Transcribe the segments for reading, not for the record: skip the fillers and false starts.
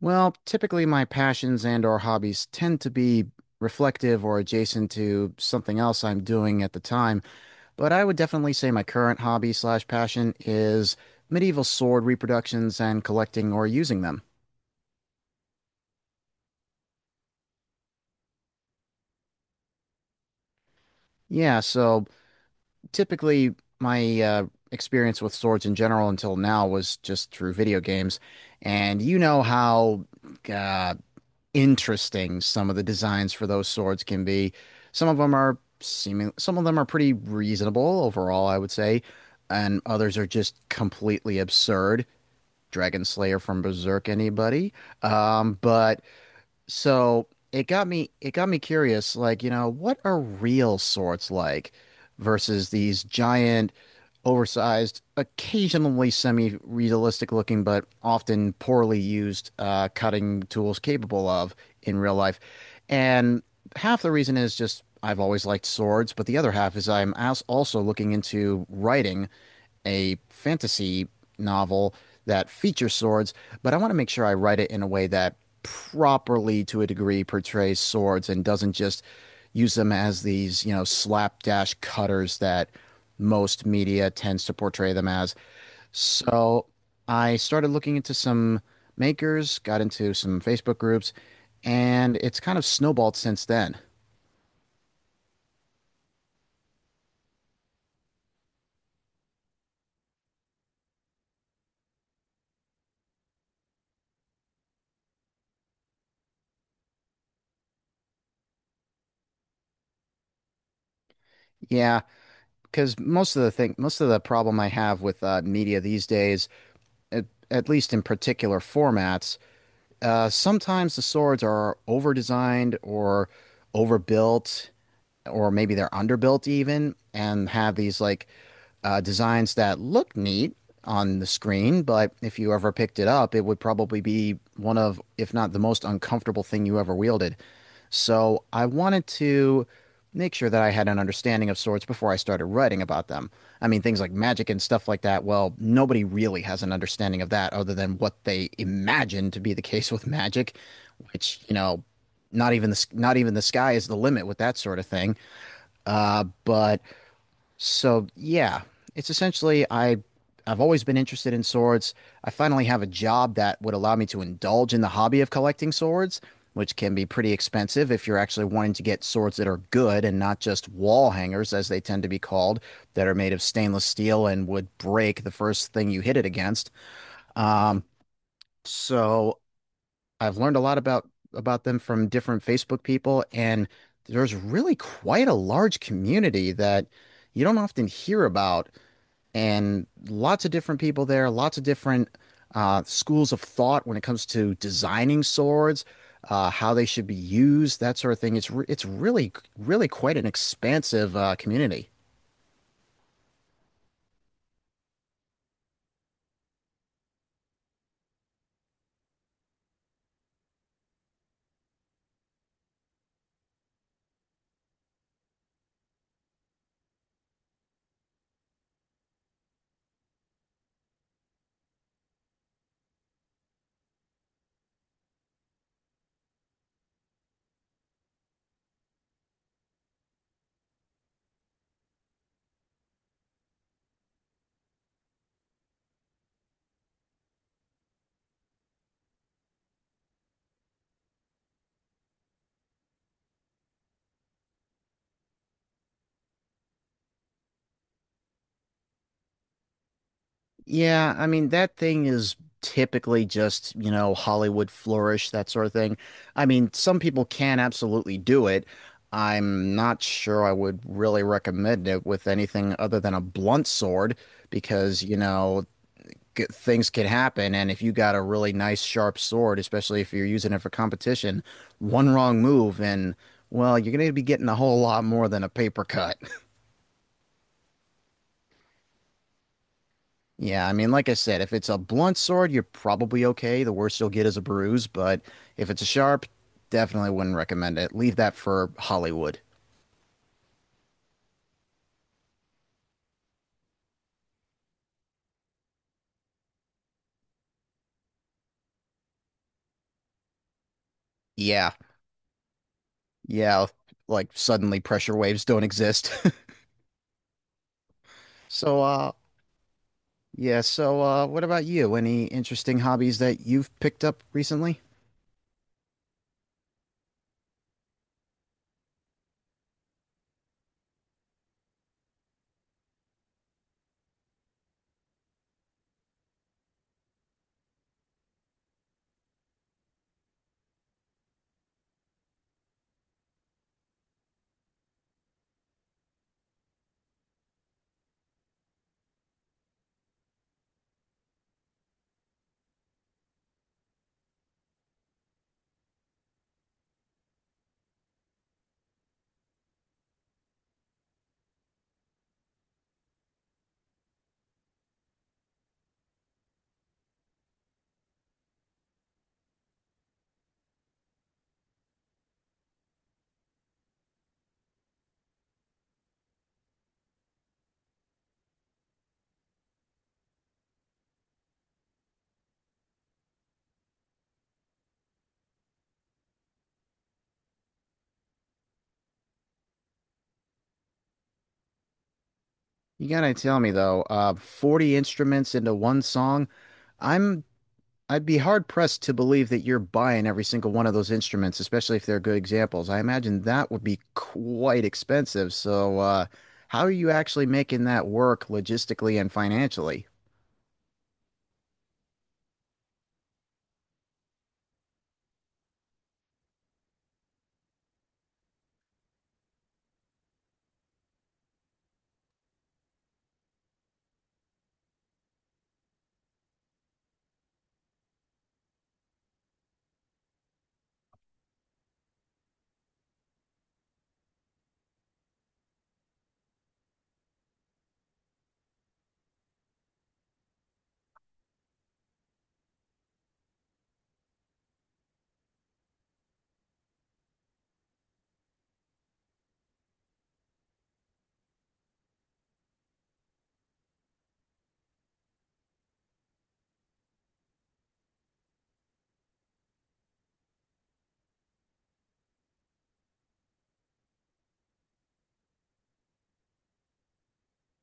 Well, typically my passions and or hobbies tend to be reflective or adjacent to something else I'm doing at the time, but I would definitely say my current hobby slash passion is medieval sword reproductions and collecting or using them. Yeah, so typically my experience with swords in general until now was just through video games, and you know how uh, interesting some of the designs for those swords can be. Some of them are seeming, some of them are pretty reasonable overall, I would say, and others are just completely absurd. Dragon Slayer from Berserk, anybody? But so it got me curious, like, you know, what are real swords like versus these giant, oversized, occasionally semi-realistic looking, but often poorly used cutting tools capable of in real life. And half the reason is just I've always liked swords, but the other half is I'm also looking into writing a fantasy novel that features swords, but I want to make sure I write it in a way that properly, to a degree, portrays swords and doesn't just use them as these, you know, slapdash cutters that most media tends to portray them as. So I started looking into some makers, got into some Facebook groups, and it's kind of snowballed since then. Yeah, because most of the thing, most of the problem I have with media these days, at, at least in particular formats, sometimes the swords are over-designed or overbuilt, or maybe they're underbuilt even and have these like designs that look neat on the screen, but if you ever picked it up, it would probably be one of, if not the most uncomfortable thing you ever wielded. So I wanted to make sure that I had an understanding of swords before I started writing about them. I mean, things like magic and stuff like that, well, nobody really has an understanding of that other than what they imagine to be the case with magic, which, you know, not even the sky is the limit with that sort of thing. But so yeah, it's essentially I've always been interested in swords. I finally have a job that would allow me to indulge in the hobby of collecting swords, which can be pretty expensive if you're actually wanting to get swords that are good and not just wall hangers, as they tend to be called, that are made of stainless steel and would break the first thing you hit it against. Um, so I've learned a lot about them from different Facebook people, and there's really quite a large community that you don't often hear about, and lots of different people there, lots of different schools of thought when it comes to designing swords, how they should be used, that sort of thing. It's re it's really really quite an expansive community. Yeah, I mean, that thing is typically just, you know, Hollywood flourish, that sort of thing. I mean, some people can absolutely do it. I'm not sure I would really recommend it with anything other than a blunt sword because, you know, g things can happen. And if you got a really nice sharp sword, especially if you're using it for competition, one wrong move and, well, you're going to be getting a whole lot more than a paper cut. Yeah, I mean, like I said, if it's a blunt sword, you're probably okay. The worst you'll get is a bruise, but if it's a sharp, definitely wouldn't recommend it. Leave that for Hollywood. Yeah, yeah, like suddenly pressure waves don't exist. So, yeah, so, what about you? Any interesting hobbies that you've picked up recently? You gotta tell me though, 40 instruments into one song. I'm I'd be hard pressed to believe that you're buying every single one of those instruments, especially if they're good examples. I imagine that would be quite expensive. So, how are you actually making that work logistically and financially?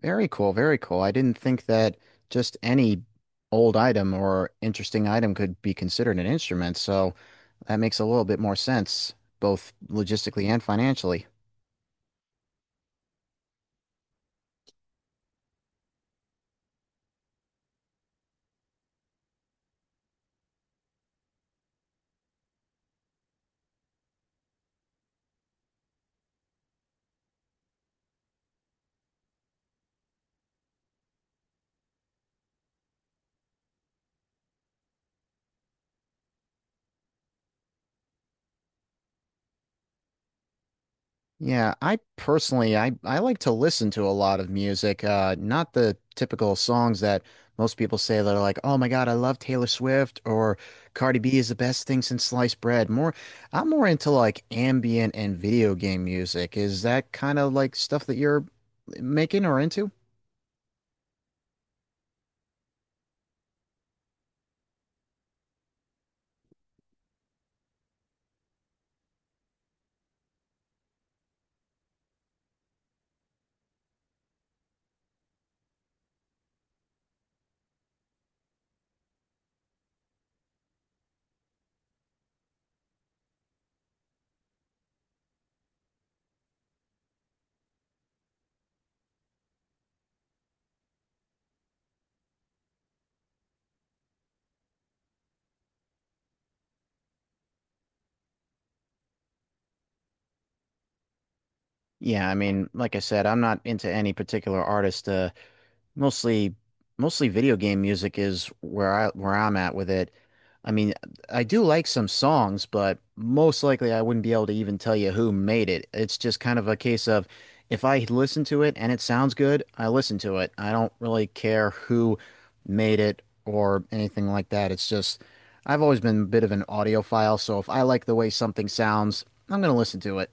Very cool, very cool. I didn't think that just any old item or interesting item could be considered an instrument. So that makes a little bit more sense, both logistically and financially. Yeah, I personally I like to listen to a lot of music, not the typical songs that most people say that are like, "Oh my God, I love Taylor Swift" or "Cardi B is the best thing since sliced bread." More I'm more into like ambient and video game music. Is that kind of like stuff that you're making or into? Yeah, I mean, like I said, I'm not into any particular artist. Mostly mostly video game music is where I where I'm at with it. I mean, I do like some songs, but most likely I wouldn't be able to even tell you who made it. It's just kind of a case of if I listen to it and it sounds good, I listen to it. I don't really care who made it or anything like that. It's just I've always been a bit of an audiophile, so if I like the way something sounds, I'm gonna listen to it.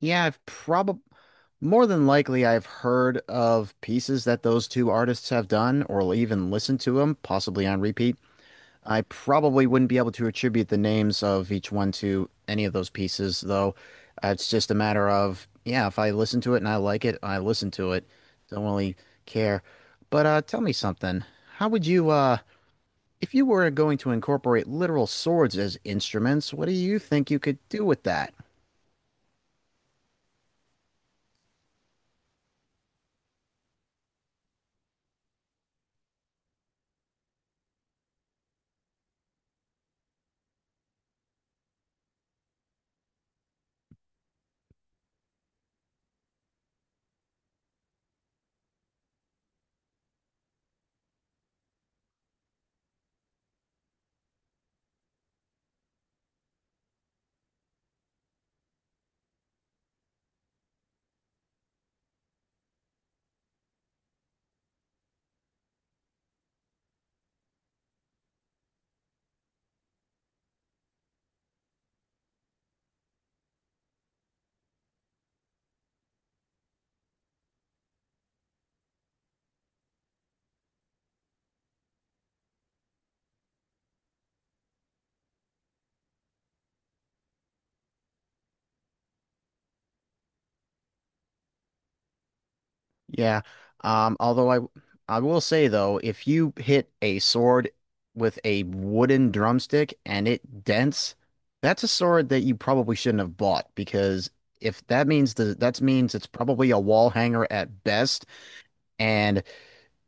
Yeah, I've probably More than likely, I've heard of pieces that those two artists have done or even listened to them, possibly on repeat. I probably wouldn't be able to attribute the names of each one to any of those pieces, though. It's just a matter of, yeah, if I listen to it and I like it, I listen to it. Don't really care. But tell me something. How would you, if you were going to incorporate literal swords as instruments, what do you think you could do with that? Yeah. Although I will say though, if you hit a sword with a wooden drumstick and it dents, that's a sword that you probably shouldn't have bought because if that means it's probably a wall hanger at best, and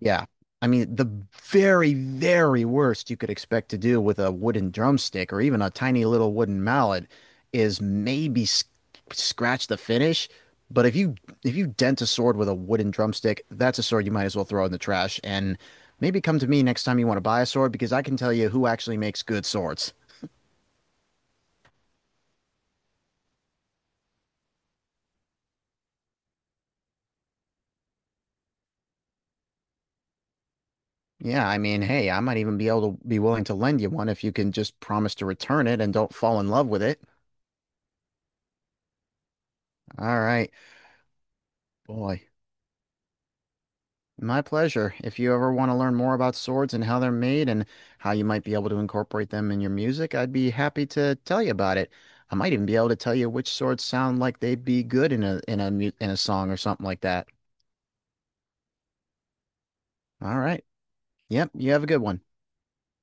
yeah. I mean, the very, very worst you could expect to do with a wooden drumstick or even a tiny little wooden mallet is maybe sc scratch the finish. But if you dent a sword with a wooden drumstick, that's a sword you might as well throw in the trash. And maybe come to me next time you want to buy a sword because I can tell you who actually makes good swords. Yeah, I mean, hey, I might even be able to be willing to lend you one if you can just promise to return it and don't fall in love with it. All right, boy. My pleasure. If you ever want to learn more about swords and how they're made and how you might be able to incorporate them in your music, I'd be happy to tell you about it. I might even be able to tell you which swords sound like they'd be good in a in a song or something like that. All right. Yep, you have a good one.